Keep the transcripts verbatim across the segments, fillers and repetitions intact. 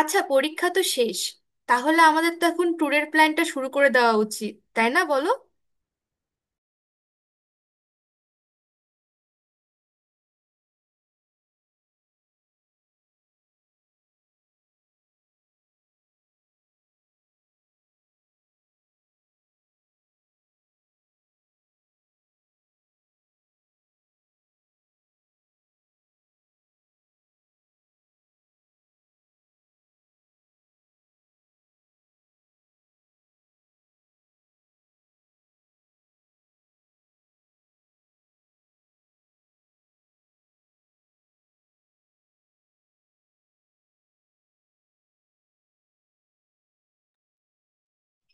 আচ্ছা, পরীক্ষা তো শেষ। তাহলে আমাদের তো এখন ট্যুরের প্ল্যানটা শুরু করে দেওয়া উচিত, তাই না? বলো।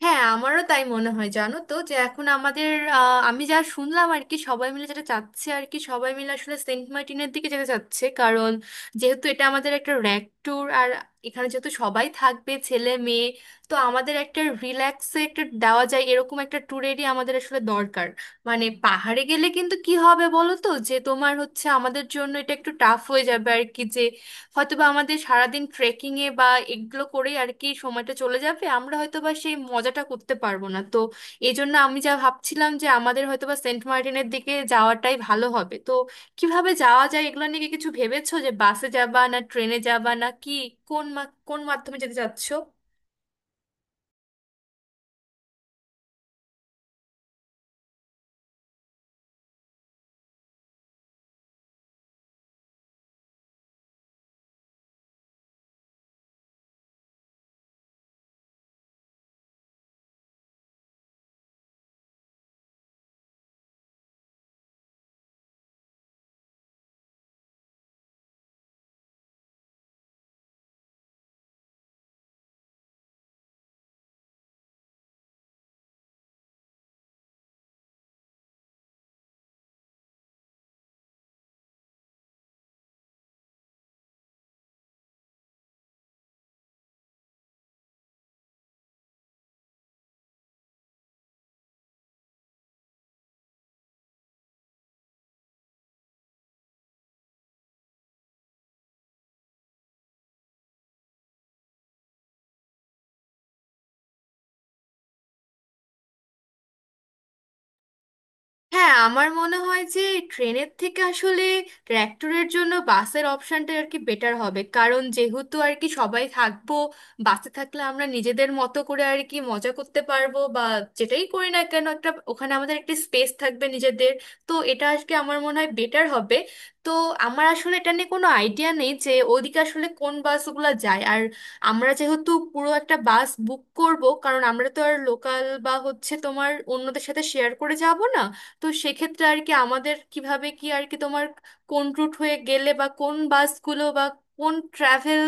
হ্যাঁ, আমারও তাই মনে হয়। জানো তো যে এখন আমাদের আহ, আমি যা শুনলাম আর কি, সবাই মিলে যেটা চাচ্ছে আর কি, সবাই মিলে আসলে সেন্ট মার্টিনের দিকে যেতে চাচ্ছে। কারণ যেহেতু এটা আমাদের একটা র্যাক ট্যুর, আর এখানে যেহেতু সবাই থাকবে, ছেলে মেয়ে, তো আমাদের একটা রিল্যাক্সে একটা দেওয়া যায় এরকম একটা ট্যুরেরই আমাদের আসলে দরকার। মানে পাহাড়ে গেলে কিন্তু কি হবে বলো তো, যে তোমার হচ্ছে আমাদের জন্য এটা একটু টাফ হয়ে যাবে আর কি। হয়তোবা আমাদের সারাদিন ট্রেকিং এ বা এগুলো করেই আর কি সময়টা চলে যাবে, আমরা হয়তোবা সেই মজাটা করতে পারবো না। তো এই জন্য আমি যা ভাবছিলাম যে আমাদের হয়তোবা সেন্ট মার্টিনের দিকে যাওয়াটাই ভালো হবে। তো কিভাবে যাওয়া যায় এগুলো নিয়ে কি কিছু ভেবেছো? যে বাসে যাবা, না ট্রেনে যাবা, না কি? কোন মা- কোন মাধ্যমে যেতে চাচ্ছো? হ্যাঁ, আমার মনে হয় যে ট্রেনের থেকে আসলে ট্র্যাক্টরের জন্য বাসের অপশনটা আর কি বেটার হবে। কারণ যেহেতু আর কি সবাই থাকবো, বাসে থাকলে আমরা নিজেদের মতো করে আর কি মজা করতে পারবো, বা যেটাই করি না কেন, একটা ওখানে আমাদের একটা স্পেস থাকবে নিজেদের। তো এটা আজকে আমার মনে হয় বেটার হবে। তো আমার আসলে এটা নিয়ে কোনো আইডিয়া নেই যে ওদিকে আসলে কোন বাসগুলো যায়। আর আমরা যেহেতু পুরো একটা বাস বুক করব, কারণ আমরা তো আর লোকাল বা হচ্ছে তোমার অন্যদের সাথে শেয়ার করে যাব না, তো সেক্ষেত্রে আর কি আমাদের কিভাবে কি, আর কি তোমার কোন রুট হয়ে গেলে, বা কোন বাসগুলো, বা কোন ট্রাভেল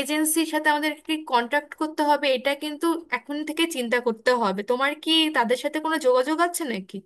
এজেন্সির সাথে আমাদের কি কন্ট্যাক্ট করতে হবে, এটা কিন্তু এখন থেকে চিন্তা করতে হবে। তোমার কি তাদের সাথে কোনো যোগাযোগ আছে নাকি?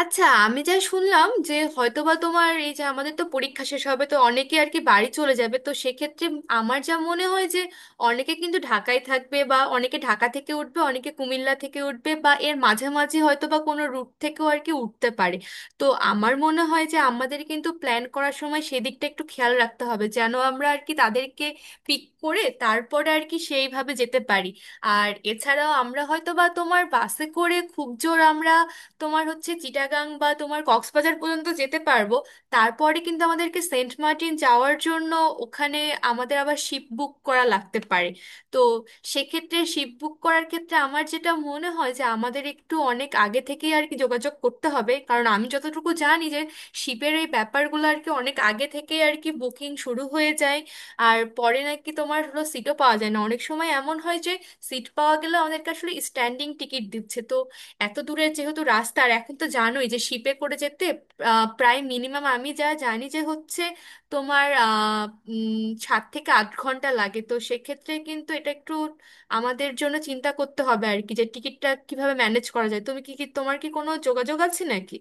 আচ্ছা, আমি যা শুনলাম যে হয়তোবা তোমার এই যে আমাদের তো পরীক্ষা শেষ হবে, তো অনেকে আর কি বাড়ি চলে যাবে, তো সেক্ষেত্রে আমার যা মনে হয় যে অনেকে কিন্তু ঢাকায় থাকবে, বা অনেকে ঢাকা থেকে উঠবে, অনেকে কুমিল্লা থেকে উঠবে, বা এর মাঝামাঝি হয়তো বা কোনো রুট থেকেও আর কি উঠতে পারে। তো আমার মনে হয় যে আমাদের কিন্তু প্ল্যান করার সময় সেদিকটা একটু খেয়াল রাখতে হবে, যেন আমরা আর কি তাদেরকে পিক করে তারপরে আর কি সেইভাবে যেতে পারি। আর এছাড়াও আমরা হয়তো বা তোমার বাসে করে খুব জোর আমরা তোমার হচ্ছে চিটাগাং বা তোমার কক্সবাজার পর্যন্ত যেতে পারবো। তারপরে কিন্তু আমাদেরকে সেন্ট মার্টিন যাওয়ার জন্য ওখানে আমাদের আবার শিপ বুক করা লাগতে পারে। তো সেক্ষেত্রে শিপ বুক করার ক্ষেত্রে আমার যেটা মনে হয় যে আমাদের একটু অনেক আগে থেকেই আর কি যোগাযোগ করতে হবে। কারণ আমি যতটুকু জানি যে শিপের এই ব্যাপারগুলো আর কি অনেক আগে থেকেই আর কি বুকিং শুরু হয়ে যায়। আর পরে নাকি তোমার হলো সিটও পাওয়া যায় না। অনেক সময় এমন হয় যে সিট পাওয়া গেলে আমাদেরকে আসলে স্ট্যান্ডিং টিকিট দিচ্ছে। তো এত দূরের যেহেতু রাস্তা, আর এখন তো জানোই যে শিপে করে যেতে আহ, প্রায় মিনিমাম আমি যা জানি যে হচ্ছে তোমার আহ, উম, সাত থেকে আট ঘন্টা লাগে। তো সেক্ষেত্রে কিন্তু এটা একটু আমাদের জন্য চিন্তা করতে হবে আর কি, যে টিকিটটা কিভাবে ম্যানেজ করা যায়। তুমি কি কি তোমার কি কোনো যোগাযোগ আছে নাকি?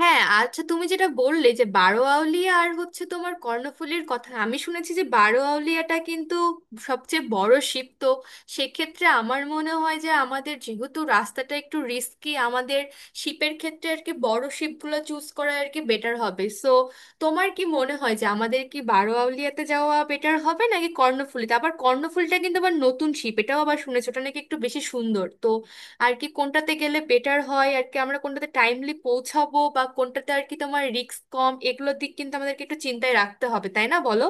হ্যাঁ, আচ্ছা, তুমি যেটা বললে যে বারোয়াউলিয়া আর হচ্ছে তোমার কর্ণফুলীর কথা, আমি শুনেছি যে বারোয়াউলিয়াটা কিন্তু সবচেয়ে বড় শিপ। তো সেক্ষেত্রে আমার মনে হয় যে আমাদের যেহেতু রাস্তাটা একটু রিস্কি, আমাদের শিপের ক্ষেত্রে আর কি বড় শিপগুলো চুজ করা আর কি বেটার হবে। সো তোমার কি মনে হয় যে আমাদের কি বারোয়াউলিয়াতে যাওয়া বেটার হবে নাকি কর্ণফুলীতে? আবার কর্ণফুলীটা কিন্তু আবার নতুন শিপ, এটাও আবার শুনেছো ওটা নাকি একটু বেশি সুন্দর। তো আর কি কোনটাতে গেলে বেটার হয় আর কি, আমরা কোনটাতে টাইমলি পৌঁছাবো বা কোনটাতে আর কি তোমার রিস্ক কম, এগুলোর দিক কিন্তু আমাদেরকে একটু চিন্তায় রাখতে হবে, তাই না? বলো।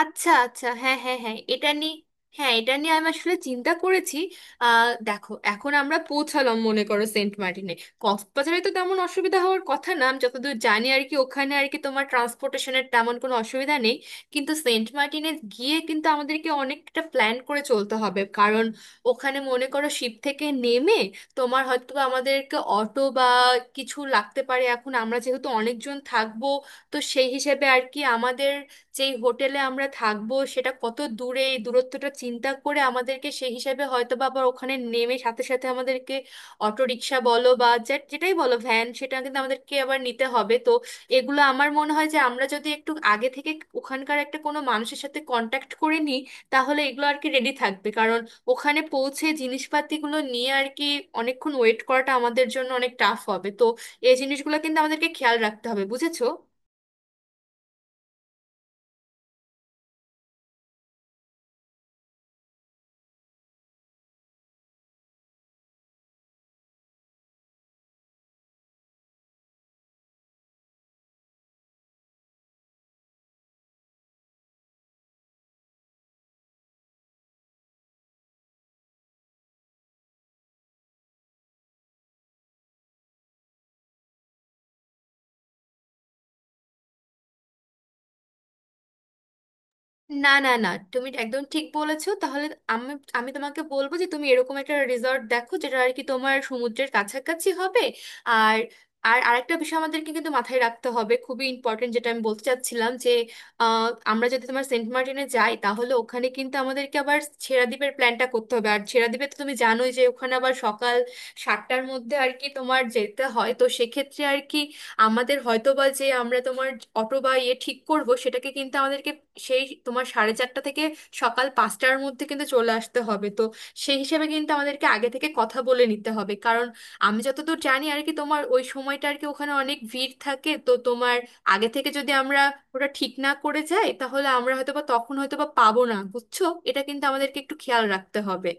আচ্ছা, আচ্ছা, হ্যাঁ হ্যাঁ হ্যাঁ, এটা নিয়ে হ্যাঁ, এটা নিয়ে আমি আসলে চিন্তা করেছি। আহ দেখো, এখন আমরা পৌঁছালাম মনে করো সেন্ট মার্টিনে। কক্সবাজারে তো তেমন অসুবিধা হওয়ার কথা না, আমি যতদূর জানি আর কি ওখানে আর কি তোমার ট্রান্সপোর্টেশনের তেমন কোনো অসুবিধা নেই। কিন্তু সেন্ট মার্টিনে গিয়ে কিন্তু আমাদেরকে অনেকটা প্ল্যান করে চলতে হবে। কারণ ওখানে মনে করো শিপ থেকে নেমে তোমার হয়তো বা আমাদেরকে অটো বা কিছু লাগতে পারে। এখন আমরা যেহেতু অনেকজন থাকবো, তো সেই হিসেবে আর কি আমাদের যেই হোটেলে আমরা থাকবো সেটা কত দূরে, এই দূরত্বটা চিন্তা করে আমাদেরকে সেই হিসাবে হয়তো বা আবার ওখানে নেমে সাথে সাথে আমাদেরকে অটো রিক্সা বলো বা যে- যেটাই বলো, ভ্যান, সেটা কিন্তু আমাদেরকে আবার নিতে হবে। তো এগুলো আমার মনে হয় যে আমরা যদি একটু আগে থেকে ওখানকার একটা কোনো মানুষের সাথে কন্ট্যাক্ট করে নিই, তাহলে এগুলো আর কি রেডি থাকবে। কারণ ওখানে পৌঁছে জিনিসপাতিগুলো নিয়ে আর কি অনেকক্ষণ ওয়েট করাটা আমাদের জন্য অনেক টাফ হবে। তো এই জিনিসগুলো কিন্তু আমাদেরকে খেয়াল রাখতে হবে, বুঝেছো? না না না, তুমি একদম ঠিক বলেছো। তাহলে আমি আমি তোমাকে বলবো যে তুমি এরকম একটা রিসর্ট দেখো যেটা আর কি তোমার সমুদ্রের কাছাকাছি হবে। আর আর আরেকটা বিষয় আমাদেরকে কিন্তু মাথায় রাখতে হবে, খুবই ইম্পর্টেন্ট, যেটা আমি বলতে চাচ্ছিলাম যে আহ, আমরা যদি তোমার সেন্ট মার্টিনে যাই তাহলে ওখানে কিন্তু আমাদেরকে আবার ছেড়া দ্বীপের প্ল্যানটা করতে হবে। আর ছেড়া দ্বীপে তো তুমি জানোই যে ওখানে আবার সকাল সাতটার মধ্যে আর কি তোমার যেতে হয়। তো সেক্ষেত্রে আর কি আমাদের হয়তো বা যে আমরা তোমার অটো বা ইয়ে ঠিক করব সেটাকে কিন্তু আমাদেরকে সেই তোমার সাড়ে চারটা থেকে সকাল পাঁচটার মধ্যে কিন্তু চলে আসতে হবে। তো সেই হিসেবে কিন্তু আমাদেরকে আগে থেকে কথা বলে নিতে হবে। কারণ আমি যতদূর জানি আর কি তোমার ওই সময়টা আর কি ওখানে অনেক ভিড় থাকে। তো তোমার আগে থেকে যদি আমরা ওটা ঠিক না করে যাই তাহলে আমরা হয়তো বা তখন হয়তো বা পাবো না, বুঝছো? এটা কিন্তু আমাদেরকে একটু খেয়াল রাখতে হবে।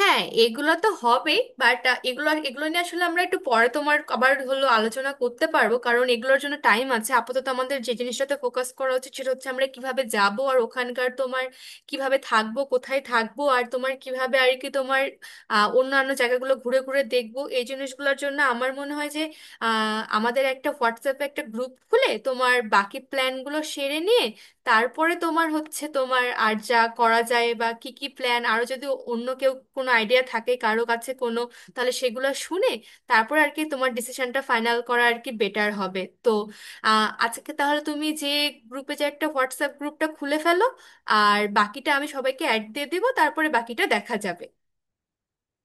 হ্যাঁ, এগুলো তো হবেই, বাট এগুলো এগুলো নিয়ে আসলে আমরা একটু পরে তোমার আবার হলো আলোচনা করতে পারবো। কারণ এগুলোর জন্য টাইম আছে। আপাতত আমাদের যে জিনিসটাতে ফোকাস করা উচিত সেটা হচ্ছে আমরা কিভাবে যাব, আর ওখানকার তোমার কিভাবে থাকবো, কোথায় থাকবো, আর তোমার কিভাবে আর কি তোমার আহ, অন্যান্য জায়গাগুলো ঘুরে ঘুরে দেখবো। এই জিনিসগুলোর জন্য আমার মনে হয় যে আহ, আমাদের একটা হোয়াটসঅ্যাপে একটা গ্রুপ খুলে তোমার বাকি প্ল্যানগুলো সেরে নিয়ে তারপরে তোমার হচ্ছে তোমার আর যা করা যায় বা কি কি প্ল্যান আরো, যদি অন্য কেউ কোনো আইডিয়া থাকে কারো কাছে কোনো, তাহলে সেগুলো শুনে তারপর আর কি তোমার ডিসিশনটা ফাইনাল করা আর কি বেটার হবে। তো আহ, আজকে তাহলে তুমি যে গ্রুপে যে একটা হোয়াটসঅ্যাপ গ্রুপটা খুলে ফেলো, আর বাকিটা আমি সবাইকে অ্যাড দিয়ে দেবো। তারপরে বাকিটা দেখা যাবে।